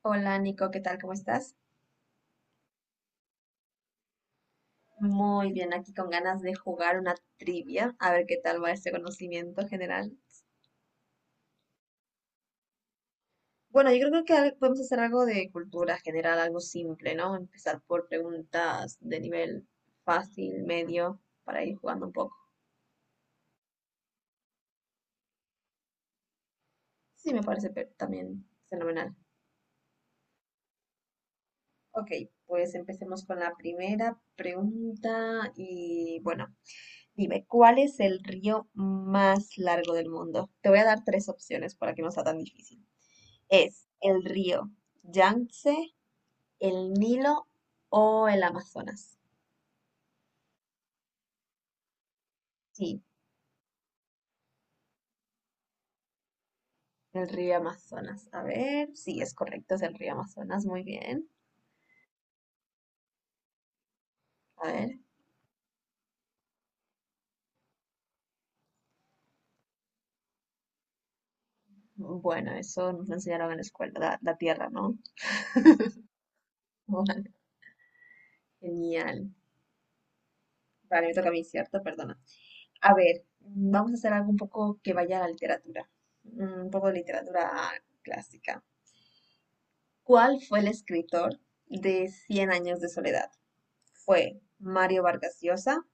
Hola Nico, ¿qué tal? ¿Cómo estás? Muy bien, aquí con ganas de jugar una trivia, a ver qué tal va este conocimiento general. Bueno, yo creo que podemos hacer algo de cultura general, algo simple, ¿no? Empezar por preguntas de nivel fácil, medio, para ir jugando un poco. Sí, me parece también fenomenal. Ok, pues empecemos con la primera pregunta y bueno, dime, ¿cuál es el río más largo del mundo? Te voy a dar tres opciones para que no sea tan difícil. ¿Es el río Yangtze, el Nilo o el Amazonas? Sí, el río Amazonas. A ver, sí, es correcto, es el río Amazonas. Muy bien. A ver. Bueno, eso nos lo enseñaron en la escuela, la tierra, ¿no? Vale, genial. Vale, me toca a mí, ¿cierto? Perdona. A ver, vamos a hacer algo un poco que vaya a la literatura. Un poco de literatura clásica. ¿Cuál fue el escritor de Cien años de soledad? ¿Fue Mario Vargas Llosa,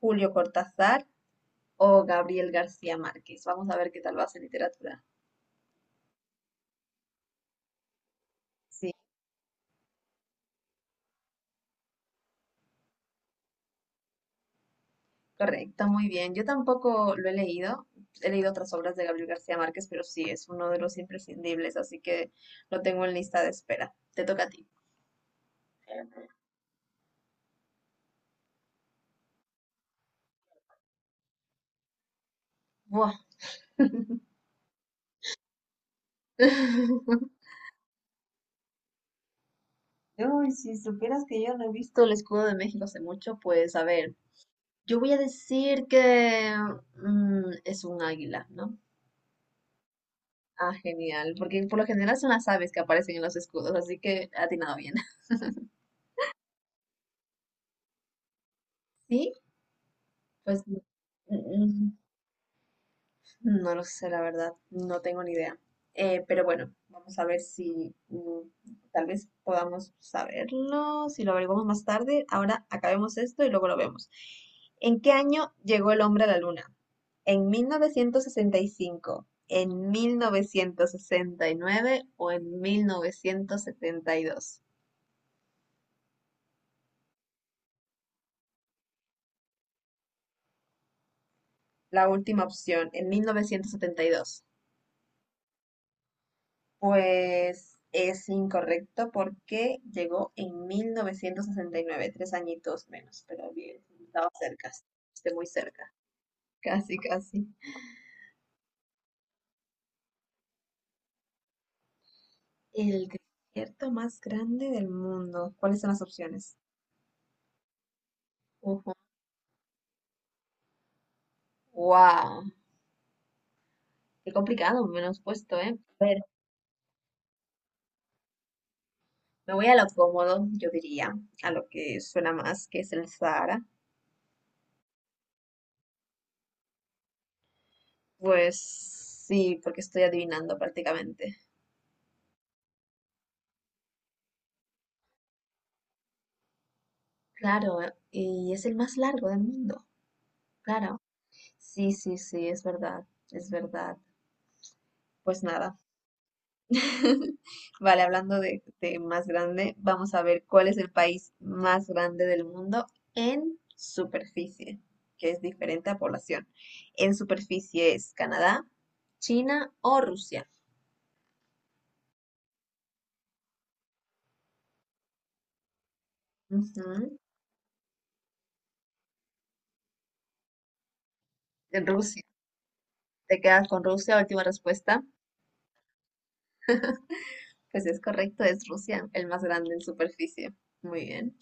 Julio Cortázar o Gabriel García Márquez? Vamos a ver qué tal va en literatura. Sí, correcto, muy bien. Yo tampoco lo he leído. He leído otras obras de Gabriel García Márquez, pero sí, es uno de los imprescindibles, así que lo tengo en lista de espera. Te toca a ti. Buah. Uy, si supieras que yo no he visto el escudo de México hace mucho, pues a ver, yo voy a decir que es un águila, ¿no? Ah, genial, porque por lo general son las aves que aparecen en los escudos, así que ha atinado bien. Sí, pues n- no lo sé, la verdad, no tengo ni idea. Pero bueno, vamos a ver si tal vez podamos saberlo, si lo averiguamos más tarde. Ahora acabemos esto y luego lo vemos. ¿En qué año llegó el hombre a la luna? ¿En 1965, en 1969 o en 1972? La última opción, en 1972. Pues es incorrecto porque llegó en 1969, 3 añitos menos, pero bien, estaba cerca, esté muy cerca. Casi, casi. El desierto más grande del mundo. ¿Cuáles son las opciones? Ujú. Wow. Qué complicado, menos puesto, ¿eh? A ver, me voy a lo cómodo, yo diría, a lo que suena más, que es el Sahara. Pues sí, porque estoy adivinando prácticamente. Claro, y es el más largo del mundo, claro. Sí, sí, sí, es verdad, es verdad. Pues nada. Vale, hablando de más grande, vamos a ver cuál es el país más grande del mundo en superficie, que es diferente a población. En superficie, ¿es Canadá, China o Rusia? Ujú, en Rusia. ¿Te quedas con Rusia? Última respuesta. Pues es correcto, es Rusia, el más grande en superficie. Muy bien.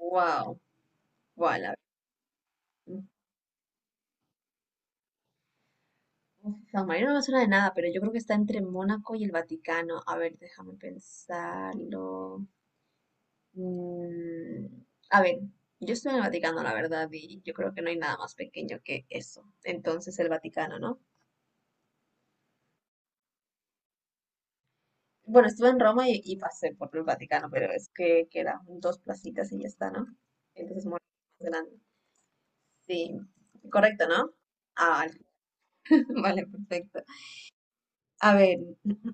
Wow. Bueno, San Marino no me suena de nada, pero yo creo que está entre Mónaco y el Vaticano. A ver, déjame pensarlo. Mm, a ver, yo estoy en el Vaticano, la verdad, y yo creo que no hay nada más pequeño que eso. Entonces, el Vaticano, ¿no? Bueno, estuve en Roma y pasé por el Vaticano, pero es que quedan dos placitas y ya está, ¿no? Entonces, Mónaco es más grande. Sí, correcto, ¿no? Ah, vale, vale, perfecto. A ver,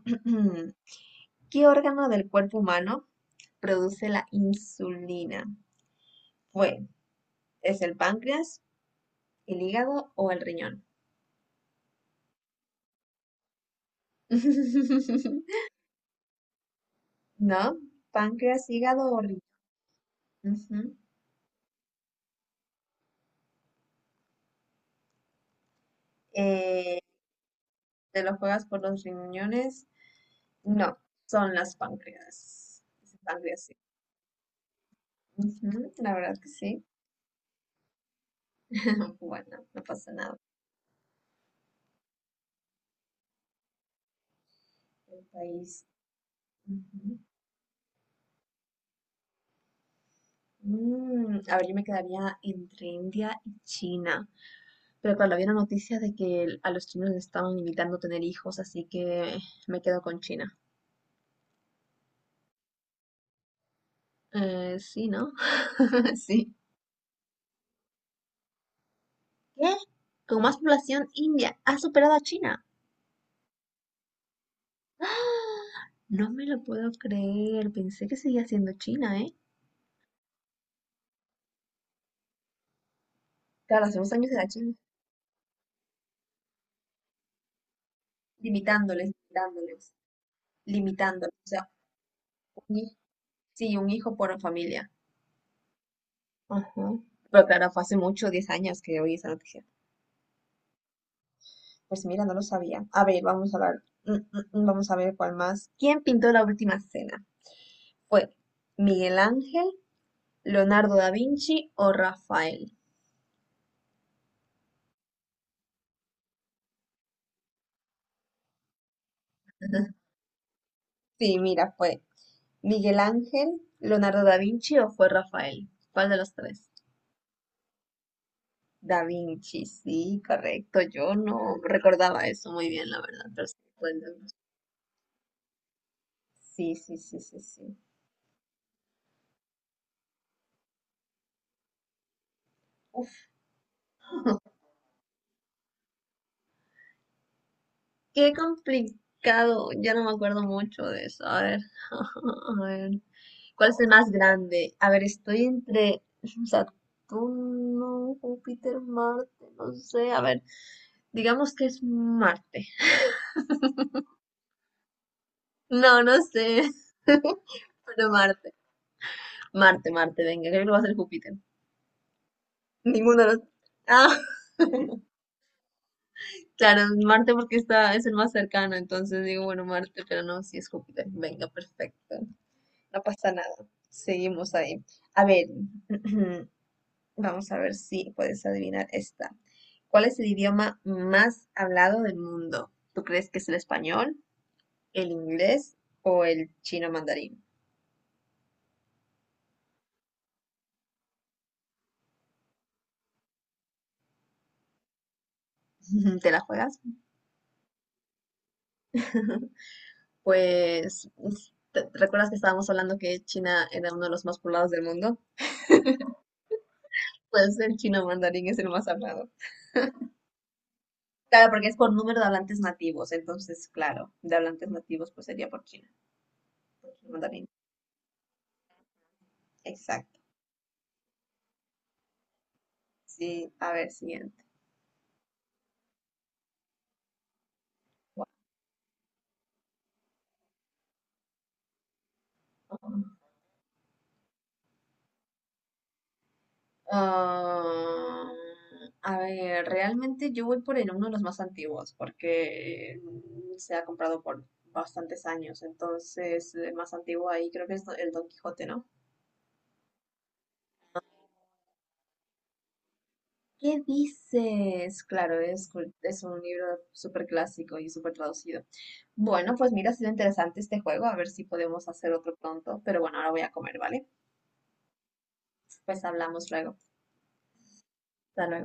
¿qué órgano del cuerpo humano produce la insulina? Bueno, ¿es el páncreas, el hígado o el riñón? ¿No? ¿Páncreas, hígado o riñón? Ujú. Eh, ¿Te lo juegas por los riñones? No, son las páncreas. Es el páncreas, sí. Ujú, la verdad que sí. Bueno, no pasa nada. El país. Ujú. A ver, yo me quedaría entre India y China. Pero claro, había una noticia de que a los chinos les estaban limitando tener hijos, así que me quedo con China. Sí, ¿no? Sí. ¿Qué? Con más población, India ha superado a China. ¡Ah! No me lo puedo creer. Pensé que seguía siendo China, ¿eh? Claro, hace unos años era China. Limitándoles, limitándoles, limitándoles. O sea, un hij- sí, un hijo por familia. Ajá. Pero claro, fue hace mucho, 10 años que oí esa noticia. Pues mira, no lo sabía. A ver, vamos a ver vamos a ver cuál más. ¿Quién pintó la última cena? ¿Fue Miguel Ángel, Leonardo da Vinci o Rafael? Sí, mira, ¿fue Miguel Ángel, Leonardo da Vinci o fue Rafael? ¿Cuál de los tres? Da Vinci, sí, correcto. Yo no recordaba eso muy bien, la verdad, pero sí, fue el Da Vinci. Sí, sí, sí, sí, sí. Uf, Qué complicado. Ya no me acuerdo mucho de eso. A ver. A ver. ¿Cuál es el más grande? A ver, estoy entre Saturno, Júpiter, Marte. No sé. A ver. Digamos que es Marte. No, no sé. Pero Marte. Marte, Marte. Venga, creo que lo va a ser Júpiter. Ninguno de los. Ah. Claro, es Marte porque está, es el más cercano, entonces digo, bueno, Marte, pero no, sí es Júpiter. Venga, perfecto. No pasa nada. Seguimos ahí. A ver, vamos a ver si puedes adivinar esta. ¿Cuál es el idioma más hablado del mundo? ¿Tú crees que es el español, el inglés o el chino mandarín? ¿Te la juegas? Pues, ¿recuerdas que estábamos hablando que China era uno de los más poblados del mundo? Pues el chino mandarín es el más hablado. Claro, porque es por número de hablantes nativos. Entonces, claro, de hablantes nativos, pues sería por China. Mandarín. Exacto. Sí, a ver, siguiente. Ah, a ver, realmente yo voy por el uno de los más antiguos, porque se ha comprado por bastantes años, entonces el más antiguo ahí creo que es el Don Quijote, ¿no? ¿Qué dices? Claro, es un libro súper clásico y súper traducido. Bueno, pues mira, ha sido interesante este juego, a ver si podemos hacer otro pronto, pero bueno, ahora voy a comer, ¿vale? Pues hablamos luego. Hasta luego.